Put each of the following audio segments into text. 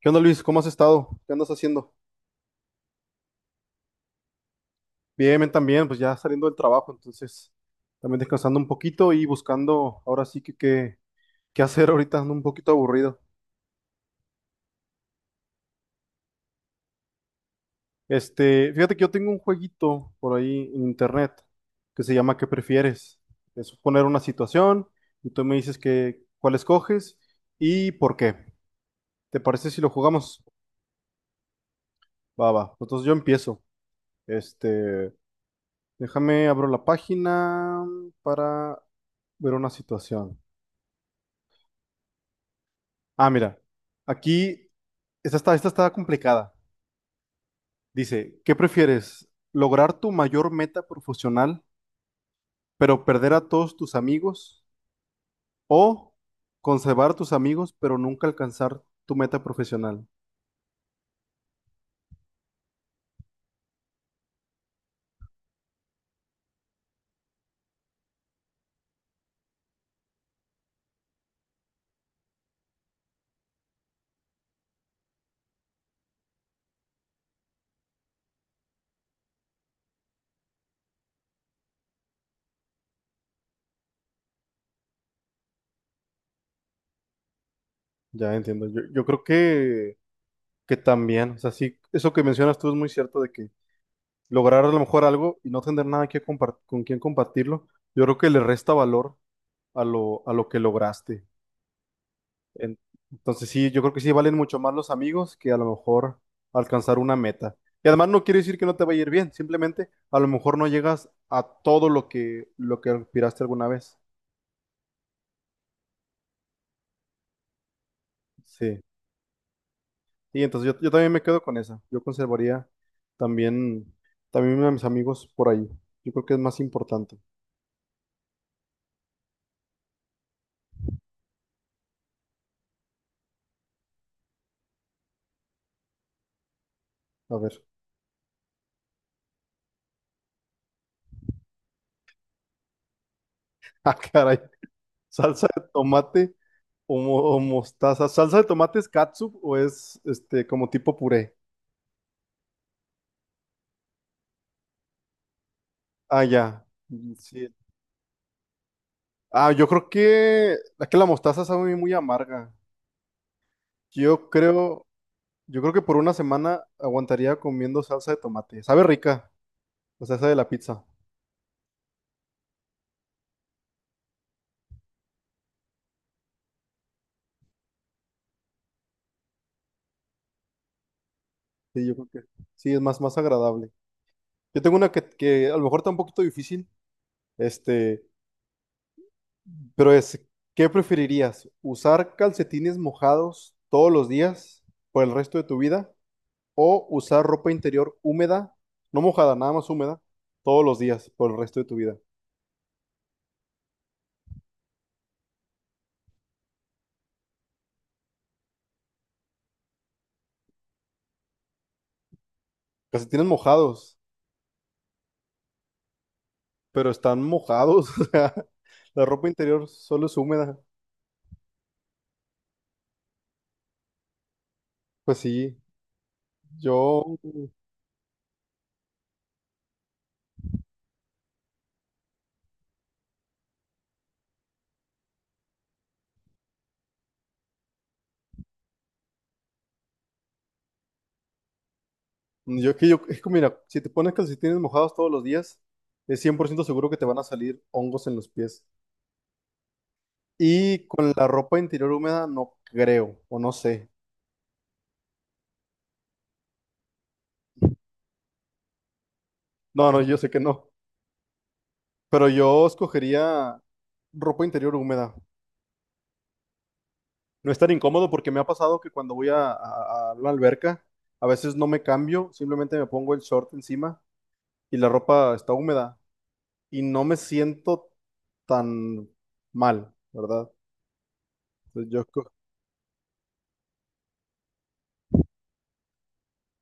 ¿Qué onda, Luis? ¿Cómo has estado? ¿Qué andas haciendo? Bien, bien, también, pues ya saliendo del trabajo, entonces también descansando un poquito y buscando ahora sí que qué hacer ahorita, ando un poquito aburrido. Fíjate que yo tengo un jueguito por ahí en internet que se llama ¿qué prefieres? Es poner una situación y tú me dices que cuál escoges y por qué. ¿Te parece si lo jugamos? Va, va. Entonces yo empiezo. Este, Déjame abro la página para ver una situación. Ah, mira, aquí esta está complicada. Dice, ¿qué prefieres? ¿Lograr tu mayor meta profesional, pero perder a todos tus amigos? ¿O conservar a tus amigos, pero nunca alcanzar tu meta profesional? Ya entiendo. Yo creo que también, o sea, sí, eso que mencionas tú es muy cierto de que lograr a lo mejor algo y no tener nada que con quien compartirlo, yo creo que le resta valor a lo que lograste. En- Entonces sí, yo creo que sí valen mucho más los amigos que a lo mejor alcanzar una meta. Y además no quiere decir que no te vaya a ir bien, simplemente a lo mejor no llegas a todo lo que aspiraste alguna vez. Sí. Y entonces yo también me quedo con esa. Yo conservaría también también a mis amigos por ahí. Yo creo que es más importante. A ver. Ah, caray. ¿Salsa de tomate o, o mostaza? ¿Salsa de tomate es catsup o es este como tipo puré? Ah, ya. Sí, ah, yo creo que es que la mostaza sabe muy amarga. Yo creo, yo creo que por una semana aguantaría comiendo salsa de tomate. Sabe rica, la salsa de la pizza. Sí, yo creo que sí, es más agradable. Yo tengo una que a lo mejor está un poquito difícil, este, pero es, ¿qué preferirías? ¿Usar calcetines mojados todos los días por el resto de tu vida o usar ropa interior húmeda, no mojada, nada más húmeda, todos los días por el resto de tu vida? Calcetines mojados. Pero están mojados, o sea, la ropa interior solo es húmeda. Pues sí, yo, mm, yo, es que mira, si te pones calcetines mojados todos los días, es 100% seguro que te van a salir hongos en los pies. Y con la ropa interior húmeda, no creo, o no sé. No, no, yo sé que no, pero yo escogería ropa interior húmeda. No es tan incómodo porque me ha pasado que cuando voy a la alberca, a veces no me cambio, simplemente me pongo el short encima y la ropa está húmeda. Y no me siento tan mal, ¿verdad? Entonces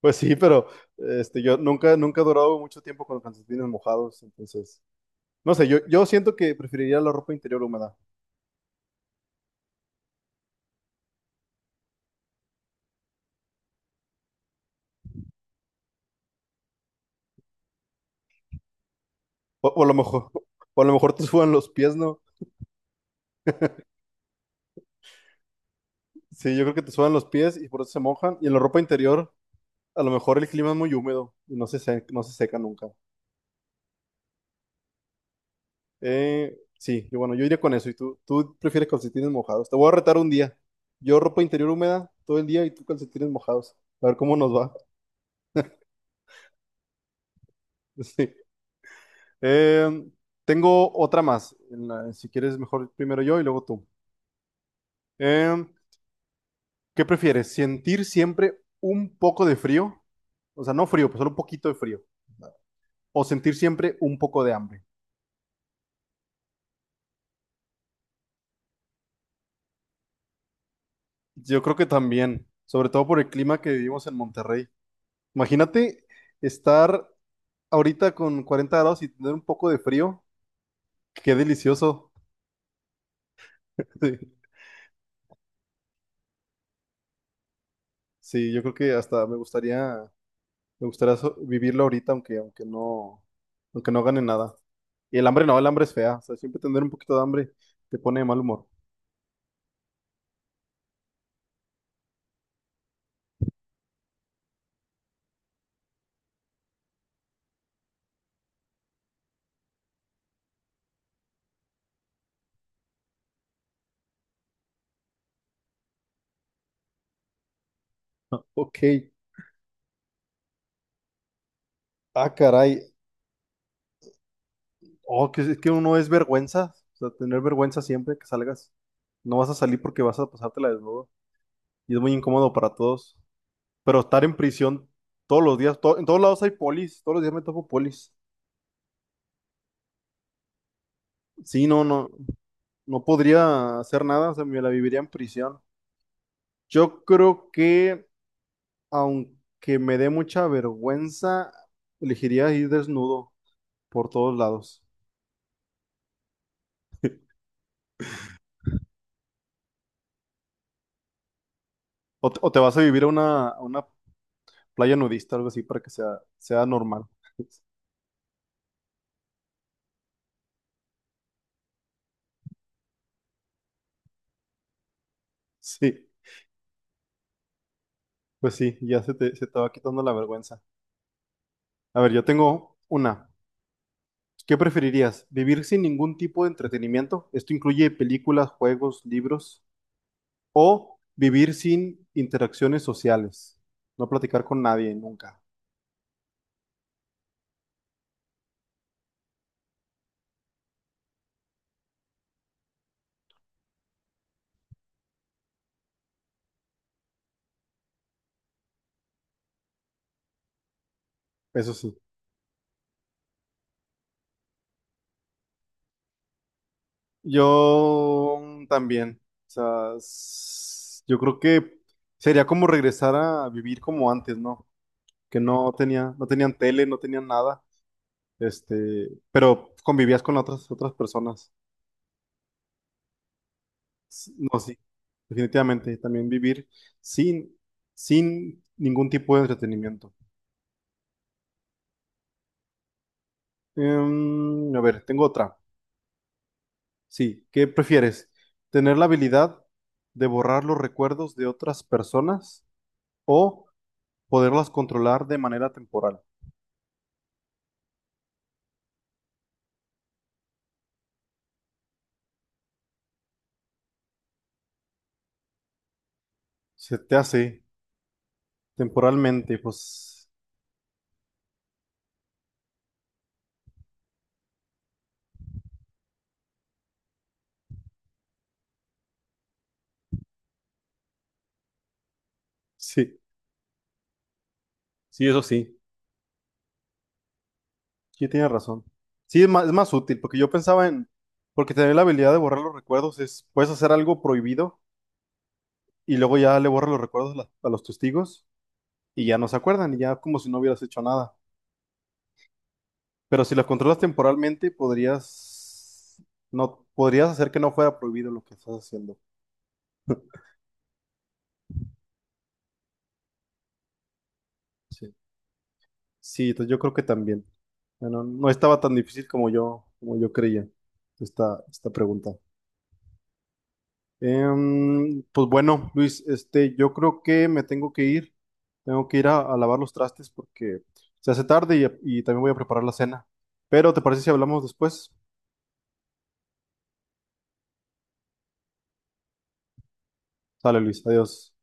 pues sí, pero yo nunca he durado mucho tiempo con los calcetines mojados, entonces, no sé, yo siento que preferiría la ropa interior húmeda, o a lo mejor, o a lo mejor te sudan los pies, ¿no? Sí, yo creo que te sudan los pies y por eso se mojan, y en la ropa interior, a lo mejor el clima es muy húmedo y no no se seca nunca. Sí, yo, bueno, yo iría con eso. ¿Y tú prefieres calcetines mojados? Te voy a retar un día. Yo ropa interior húmeda todo el día y tú calcetines mojados. A ver cómo nos va. Sí. Eh, tengo otra más. Si quieres, mejor primero yo y luego tú. Eh, ¿Qué prefieres? ¿Sentir siempre un poco de frío? O sea, no frío, pues solo un poquito de frío. O sentir siempre un poco de hambre. Yo creo que también, sobre todo por el clima que vivimos en Monterrey. Imagínate estar ahorita con 40 grados y tener un poco de frío, qué delicioso. Sí, sí, yo creo que hasta me gustaría, vivirlo ahorita, aunque no gane nada. Y el hambre no, el hambre es fea. O sea, siempre tener un poquito de hambre te pone de mal humor. Ok. Ah, caray. Oh, que es que uno es vergüenza. O sea, tener vergüenza siempre que salgas. No vas a salir porque vas a pasártela desnudo. Y es muy incómodo para todos. Pero estar en prisión todos los días, en todos lados hay polis. Todos los días me topo polis. Sí, no, no, no podría hacer nada, o sea, me la viviría en prisión. Yo creo que, aunque me dé mucha vergüenza, elegiría ir desnudo por todos lados. O te vas a vivir a a una playa nudista, algo así, para que sea normal. Sí, pues sí, ya se te va quitando la vergüenza. A ver, yo tengo una. ¿Qué preferirías? ¿Vivir sin ningún tipo de entretenimiento? Esto incluye películas, juegos, libros. O vivir sin interacciones sociales. No platicar con nadie nunca. Eso sí. Yo también. O sea, yo creo que sería como regresar a vivir como antes, ¿no? Que no tenían tele, no tenían nada. Este, pero convivías con otras personas. No, sí. Definitivamente. También vivir sin, sin ningún tipo de entretenimiento. Em, a ver, tengo otra. Sí, ¿qué prefieres? ¿Tener la habilidad de borrar los recuerdos de otras personas o poderlas controlar de manera temporal? Se te hace temporalmente, pues sí, sí, eso sí, sí tienes razón. Sí, es es más útil, porque yo pensaba en, porque tener la habilidad de borrar los recuerdos es, puedes hacer algo prohibido y luego ya le borras los recuerdos a los testigos y ya no se acuerdan y ya como si no hubieras hecho nada. Pero si las controlas temporalmente, podrías, no, podrías hacer que no fuera prohibido lo que estás haciendo. Sí. Sí, entonces yo creo que también. Bueno, no estaba tan difícil como como yo creía esta pregunta. Em, pues bueno, Luis, yo creo que me tengo que ir. Tengo que ir a lavar los trastes porque se hace tarde y también voy a preparar la cena. Pero ¿te parece si hablamos después? Sale, Luis, adiós.